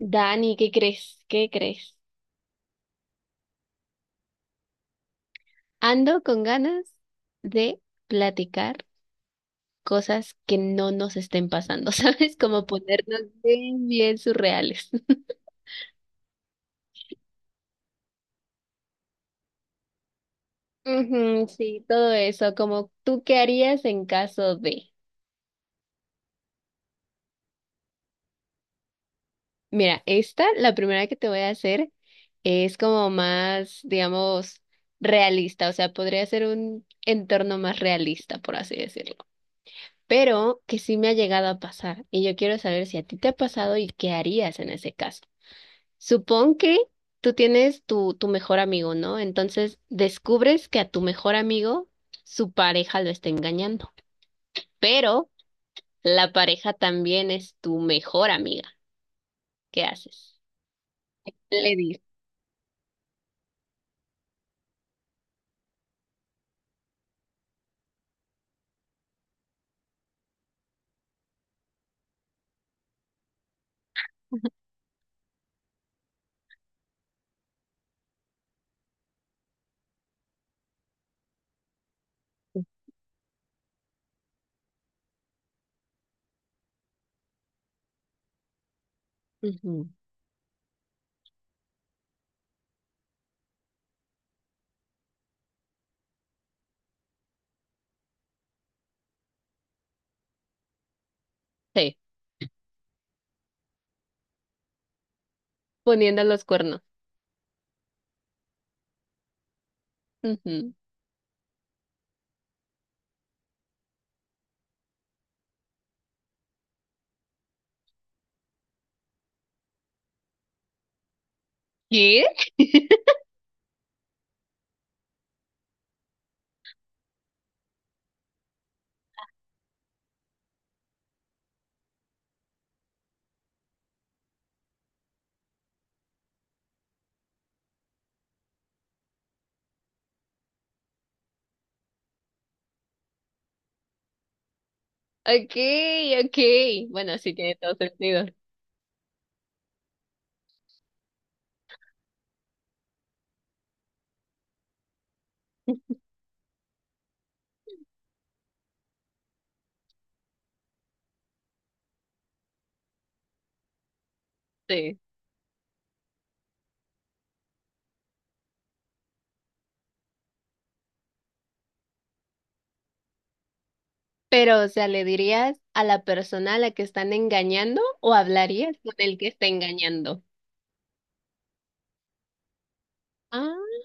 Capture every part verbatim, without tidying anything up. Dani, ¿qué crees? ¿Qué crees? Ando con ganas de platicar cosas que no nos estén pasando, ¿sabes? Como ponernos bien, bien surreales. Ujú, sí, todo eso, como tú qué harías en caso de. Mira, esta, la primera que te voy a hacer, es como más, digamos, realista, o sea, podría ser un entorno más realista, por así decirlo. Pero que sí me ha llegado a pasar y yo quiero saber si a ti te ha pasado y qué harías en ese caso. Supón que tú tienes tu, tu mejor amigo, ¿no? Entonces descubres que a tu mejor amigo su pareja lo está engañando, pero la pareja también es tu mejor amiga. ¿Qué haces? Le dices, ujú. Sí, poniendo los cuernos. Ujú. ¿Qué? Ok, ok. Bueno, sí tiene todo sentido. Sí. Pero, o sea, ¿le dirías a la persona a la que están engañando o hablarías con el que está engañando? Ah.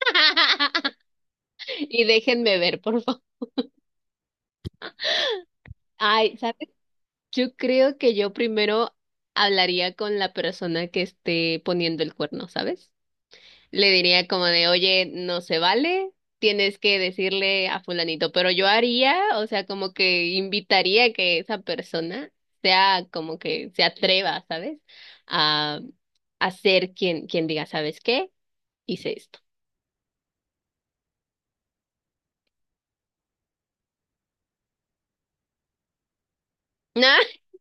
Y déjenme ver, por favor. Ay, ¿sabes? Yo creo que yo primero hablaría con la persona que esté poniendo el cuerno, ¿sabes? Le diría como de, oye, no se vale, tienes que decirle a fulanito, pero yo haría, o sea, como que invitaría a que esa persona sea como que se atreva, ¿sabes? A, a ser quien, quien diga, ¿sabes qué? Hice esto.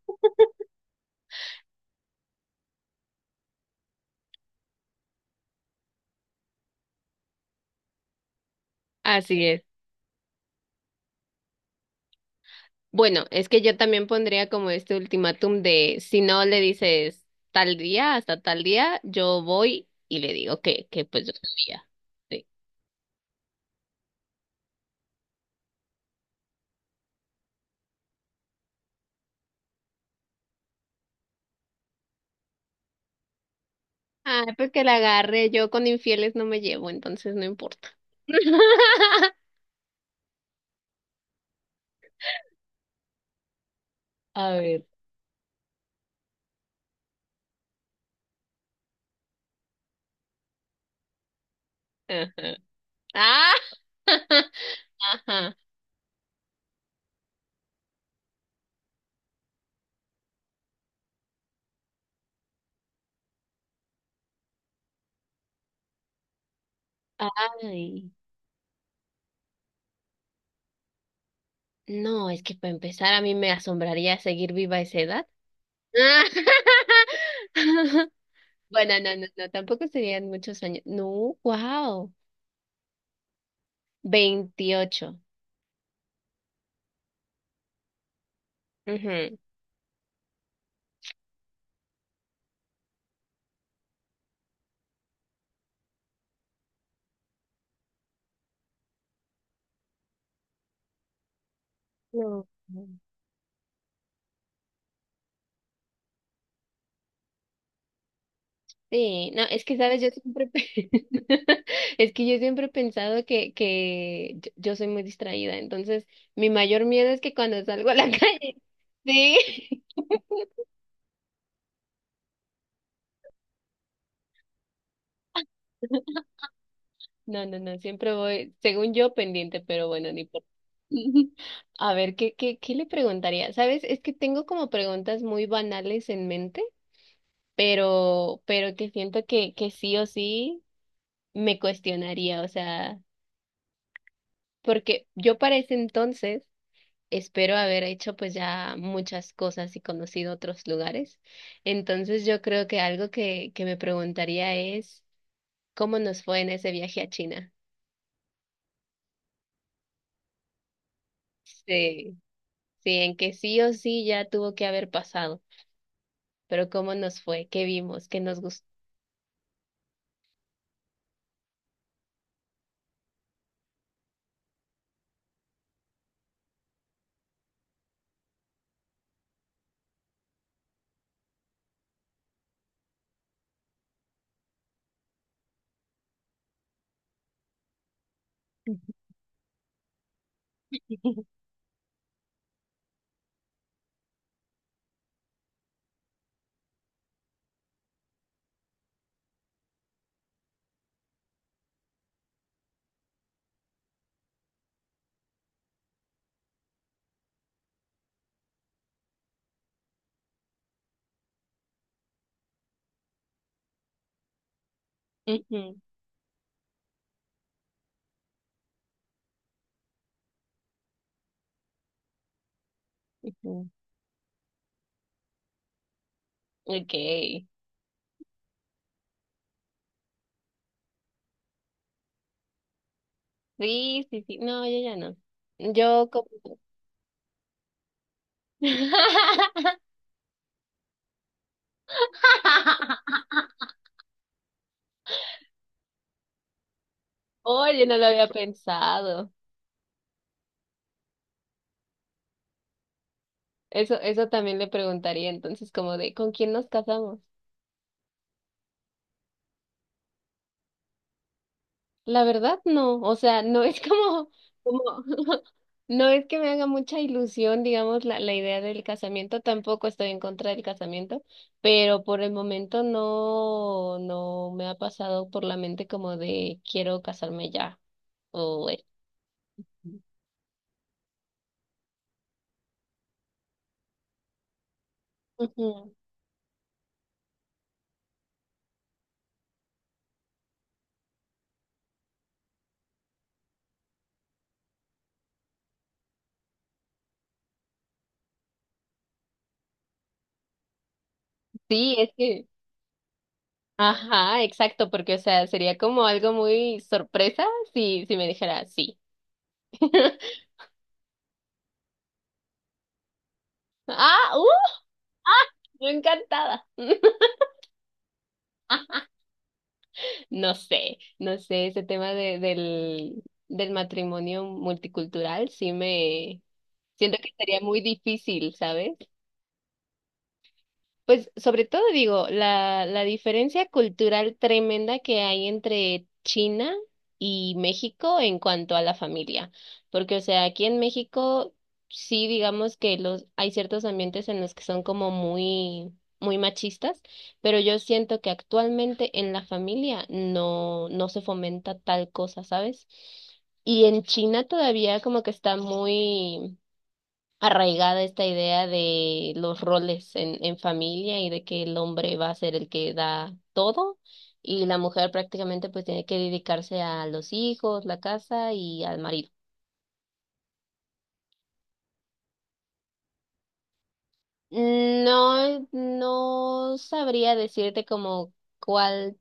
Ah, así es. Bueno, es que yo también pondría como este ultimátum de, si no le dices tal día, hasta tal día, yo voy y le digo que, que pues yo sabía. Sí. Ah, pues que la agarre. Yo con infieles no me llevo, entonces no importa. A ver. Ajá. Ah, ajá. Ay. No, es que para empezar a mí me asombraría seguir viva a esa edad. Bueno, no, no, no, tampoco serían muchos años. No, wow. Veintiocho. Ujú. No. Sí, no, es que sabes, yo siempre pe- es que yo siempre he pensado que, que yo yo soy muy distraída, entonces mi mayor miedo es que cuando salgo a la calle, sí, no, no, no, siempre voy, según yo, pendiente, pero bueno, ni por... A ver, ¿qué, qué, qué le preguntaría? Sabes, es que tengo como preguntas muy banales en mente, pero, pero que siento que, que sí o sí me cuestionaría, o sea, porque yo para ese entonces espero haber hecho pues ya muchas cosas y conocido otros lugares. Entonces yo creo que algo que, que me preguntaría es ¿cómo nos fue en ese viaje a China? Sí, sí, en que sí o sí ya tuvo que haber pasado, pero ¿cómo nos fue? ¿Qué vimos? ¿Qué nos gustó? Ujú, ujú. Okay. Sí, sí, sí. No, yo ya no. Yo como... Oye, no lo había pensado. Eso, eso también le preguntaría entonces, como de, ¿con quién nos casamos? La verdad, no, o sea, no es como, como, no es que me haga mucha ilusión, digamos, la, la idea del casamiento, tampoco estoy en contra del casamiento, pero por el momento no, no me ha pasado por la mente como de, quiero casarme ya, o eh, ujú. Sí, es que, ajá, exacto, porque, o sea, sería como algo muy sorpresa si, si me dijera sí. Ah, yo encantada. No sé, no sé, ese tema de, del, del matrimonio multicultural sí me siento que sería muy difícil, ¿sabes? Pues sobre todo digo, la, la diferencia cultural tremenda que hay entre China y México en cuanto a la familia, porque o sea, aquí en México sí digamos que los hay ciertos ambientes en los que son como muy muy machistas, pero yo siento que actualmente en la familia no no se fomenta tal cosa, ¿sabes? Y en China todavía como que está muy arraigada esta idea de los roles en, en familia y de que el hombre va a ser el que da todo y la mujer prácticamente pues tiene que dedicarse a los hijos, la casa y al marido. No, no sabría decirte como cuál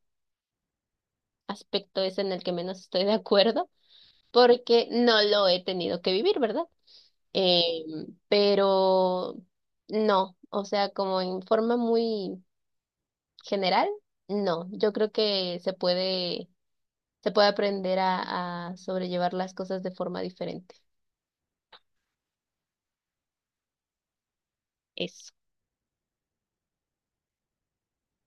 aspecto es en el que menos estoy de acuerdo, porque no lo he tenido que vivir, ¿verdad? Eh, pero no, o sea, como en forma muy general, no. Yo creo que se puede, se puede aprender a, a sobrellevar las cosas de forma diferente. Eso.